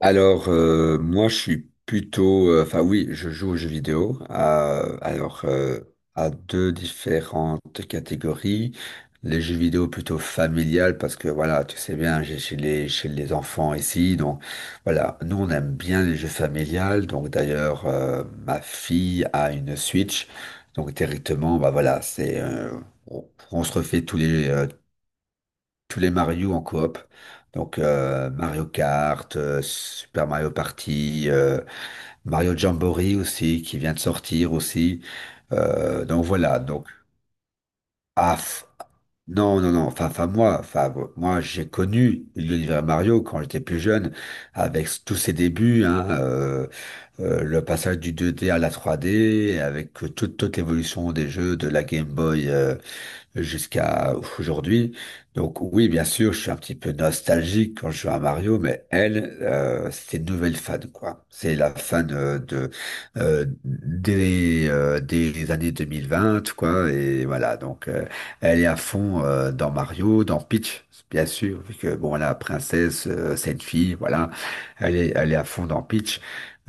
Moi, je suis plutôt. Oui, je joue aux jeux vidéo, à deux différentes catégories. Les jeux vidéo plutôt familiales, parce que, voilà, tu sais bien, j'ai chez les enfants ici. Donc, voilà, nous, on aime bien les jeux familiales. Donc, d'ailleurs, ma fille a une Switch. Donc, directement, bah voilà, c'est, on, on se refait tous les Mario en coop. Mario Kart, Super Mario Party, Mario Jamboree aussi, qui vient de sortir aussi. Euh, donc voilà, donc... Ah, f- non, non, non. Enfin moi, j'ai connu l'univers Mario quand j'étais plus jeune, avec tous ses débuts, hein, le passage du 2D à la 3D, avec toute l'évolution des jeux de la Game Boy, jusqu'à aujourd'hui. Donc oui, bien sûr, je suis un petit peu nostalgique quand je joue à Mario, mais elle, c'est une nouvelle fan, quoi. C'est la fan de des années 2020, quoi. Et voilà, elle est à fond dans Mario, dans Peach. Bien sûr, vu que bon, la princesse, c'est une fille, voilà, elle est à fond dans Peach.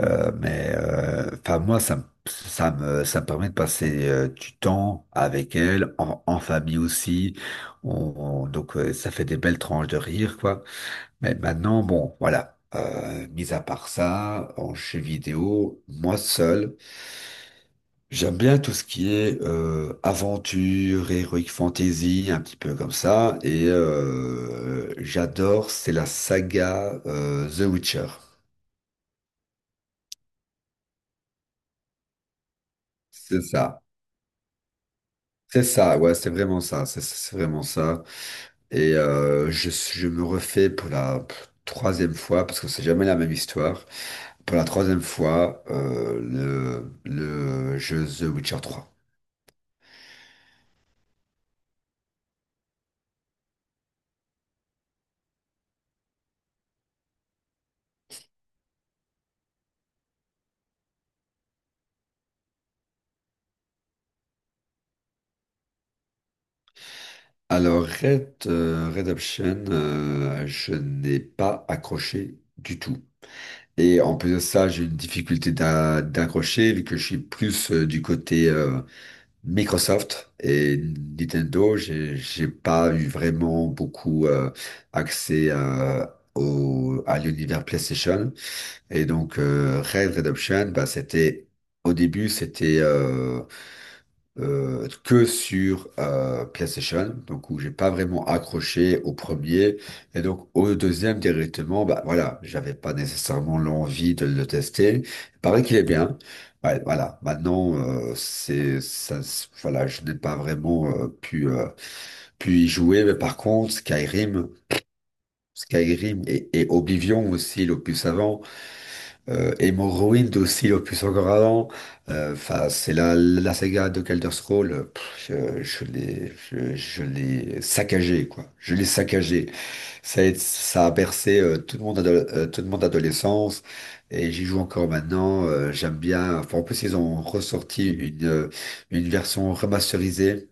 Mais enfin moi ça me permet de passer du temps avec elle, en famille aussi. Ça fait des belles tranches de rire, quoi. Mais maintenant, bon, voilà. Mis à part ça, en jeu vidéo, moi seul, j'aime bien tout ce qui est aventure, heroic fantasy, un petit peu comme ça. Et j'adore, c'est la saga The Witcher. C'est ça. C'est ça, ouais, c'est vraiment ça, c'est vraiment ça. Et je me refais pour la troisième fois, parce que c'est jamais la même histoire, pour la troisième fois le jeu The Witcher 3. Alors Red Redemption, je n'ai pas accroché du tout. Et en plus de ça, j'ai une difficulté d'accrocher, vu que je suis plus du côté Microsoft et Nintendo, j'ai pas eu vraiment beaucoup accès à l'univers PlayStation. Et donc, Red Redemption, bah, c'était que sur PlayStation, donc où j'ai pas vraiment accroché au premier, et donc au deuxième directement, bah voilà, j'avais pas nécessairement l'envie de le tester. Il paraît qu'il est bien. Ouais, voilà. Maintenant, c'est ça, voilà, je n'ai pas vraiment pu y jouer, mais par contre, Skyrim. Skyrim et Oblivion aussi, l'opus avant, et Morrowind aussi, opus encore avant. Enfin, c'est la saga de Elder Scrolls. Pff, je l'ai saccagé, quoi. Je l'ai saccagé. Ça a bercé toute mon adolescence. Et j'y joue encore maintenant, j'aime bien. Enfin, en plus, ils ont ressorti une version remasterisée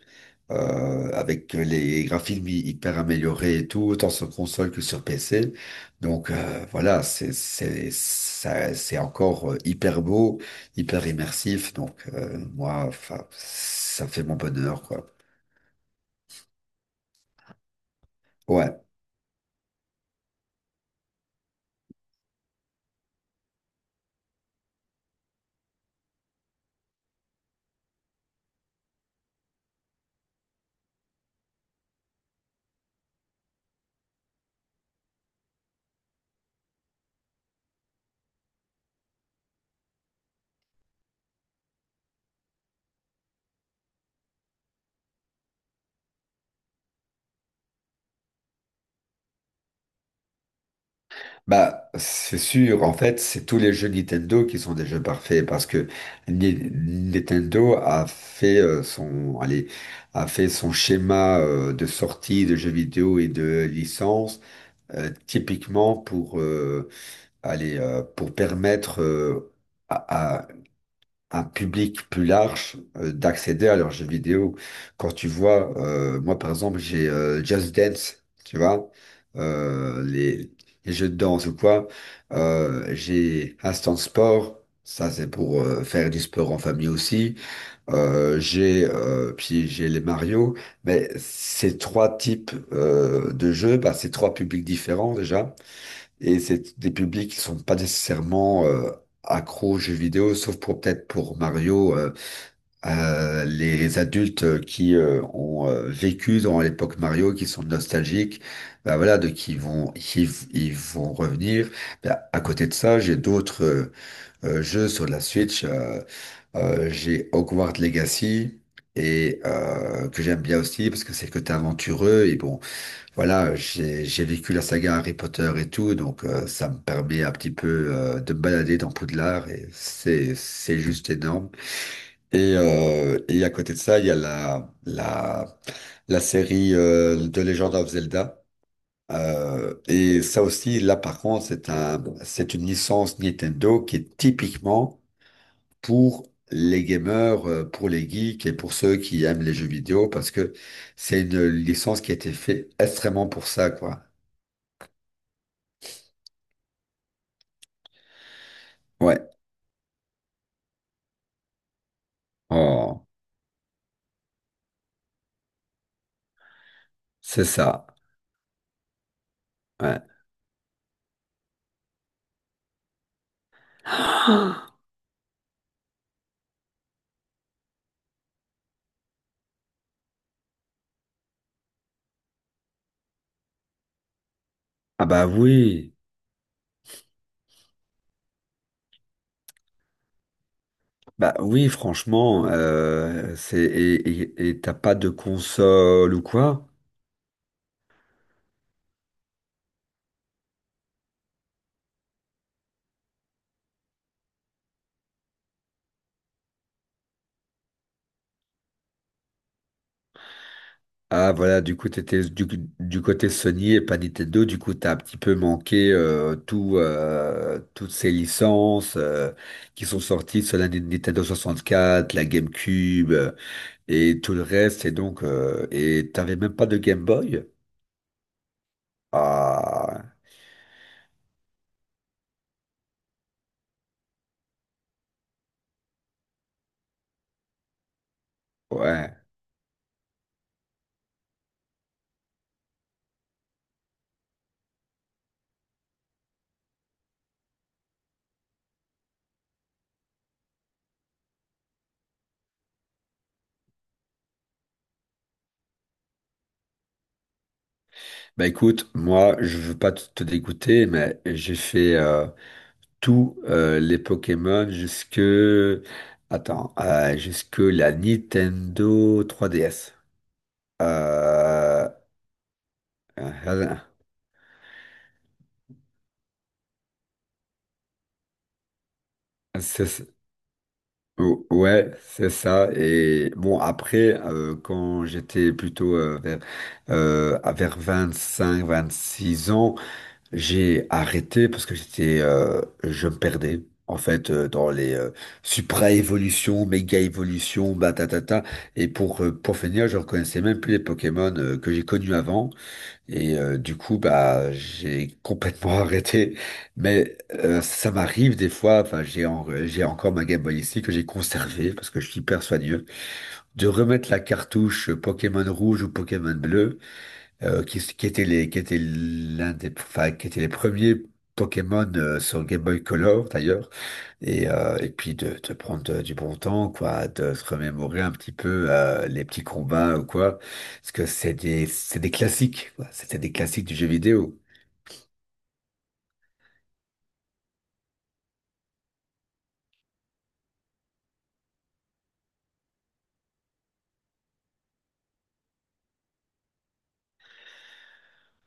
avec les graphismes hyper améliorés et tout, autant sur console que sur PC. C'est encore hyper beau, hyper immersif. Moi, enfin, ça fait mon bonheur, quoi. Ouais. Bah, c'est sûr, en fait, c'est tous les jeux Nintendo qui sont des jeux parfaits parce que Nintendo a fait allez, a fait son schéma de sortie de jeux vidéo et de licences typiquement pour permettre à un public plus large d'accéder à leurs jeux vidéo. Quand tu vois, moi par exemple, j'ai Just Dance, tu vois, euh, les, les jeux de danse ou quoi. J'ai Instant Sport. Ça, c'est pour faire du sport en famille aussi. J'ai Puis j'ai les Mario, mais ces trois types de jeux, bah, c'est trois publics différents déjà. Et c'est des publics qui sont pas nécessairement accros aux jeux vidéo, sauf pour peut-être pour Mario, les adultes qui ont vécu dans l'époque Mario, qui sont nostalgiques, bah voilà, de qui vont qui v- ils vont revenir. Bah, à côté de ça, j'ai d'autres jeux sur la Switch. J'ai Hogwarts Legacy. Et que j'aime bien aussi parce que c'est le côté aventureux et bon voilà, j'ai vécu la saga Harry Potter et tout, donc ça me permet un petit peu de me balader dans Poudlard et c'est juste énorme. Et à côté de ça, il y a la série de Legend of Zelda. Et ça aussi, là par contre, c'est un c'est une licence Nintendo qui est typiquement pour les gamers, pour les geeks et pour ceux qui aiment les jeux vidéo parce que c'est une licence qui a été faite extrêmement pour ça, quoi. Ouais. Oh, c'est ça. Ouais. Ah bah oui, franchement, et t'as pas de console ou quoi? Ah voilà, du coup du côté Sony et pas Nintendo, du coup t'as un petit peu manqué toutes ces licences qui sont sorties sur la Nintendo quatre la GameCube et tout le reste, et donc et t'avais même pas de Game Boy? Ah ouais. Bah écoute, moi je veux pas te dégoûter, mais j'ai fait tous les Pokémon jusque attends jusque la Nintendo 3DS. Euh, euh, c'est ça. Ouais, c'est ça. Et bon après quand j'étais plutôt vers 25, 26 ans. J'ai arrêté parce que je me perdais. En fait, dans les supra-évolutions, méga-évolutions, batatata. Et pour finir, je reconnaissais même plus les Pokémon que j'ai connus avant. Et du coup, bah, j'ai complètement arrêté. Mais ça m'arrive des fois, enfin, j'ai encore ma Game Boy ici que j'ai conservée parce que je suis hyper soigneux, de remettre la cartouche Pokémon rouge ou Pokémon bleu qui était l'un des, enfin, qui était les premiers Pokémon sur Game Boy Color d'ailleurs, et puis de prendre du bon temps, quoi, de se remémorer un petit peu les petits combats ou quoi, parce que c'est des classiques, quoi, c'était des classiques du jeu vidéo.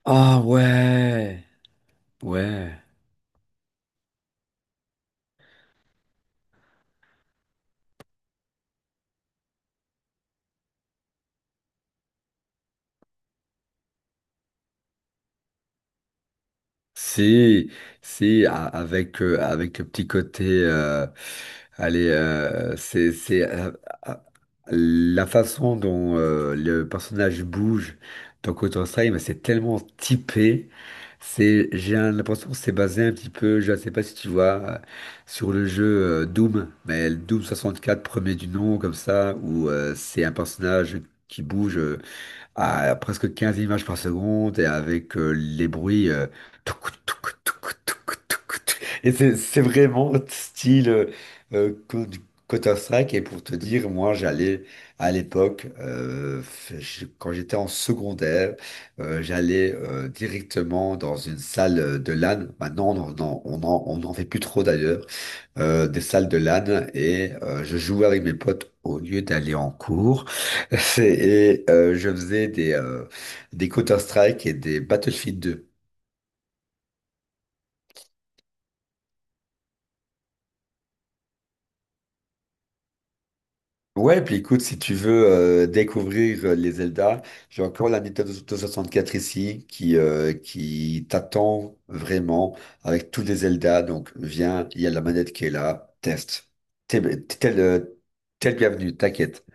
Ah ouais, ouais. Si, si, avec, avec le petit côté, allez, euh, c'est, c'est, euh, euh, la façon dont le personnage bouge dans Counter-Strike, mais c'est tellement typé. L'impression que c'est basé un petit peu, je ne sais pas si tu vois, euh, sur le jeu Doom, mais le Doom quatre premier du nom, comme ça, où c'est un personnage qui bouge à presque 15 images par seconde et avec les bruits, touc, touc, touc, touc, touc, touc. Et c'est vraiment style du Counter-Strike. Et pour te dire, moi, j'allais à l'époque, quand j'étais en secondaire, j'allais directement dans une salle de LAN. Maintenant, on en fait plus trop d'ailleurs des salles de LAN et je jouais avec mes potes au lieu d'aller en cours. C'est- je faisais des Counter-Strike et des Battlefield 2. Ouais, puis écoute, si tu veux découvrir les Zelda, j'ai encore la Nintendo 64 ici qui t'attend vraiment avec tous les Zelda. Donc viens, il y a la manette qui est là, teste. T'es t'es le bienvenu, t'inquiète.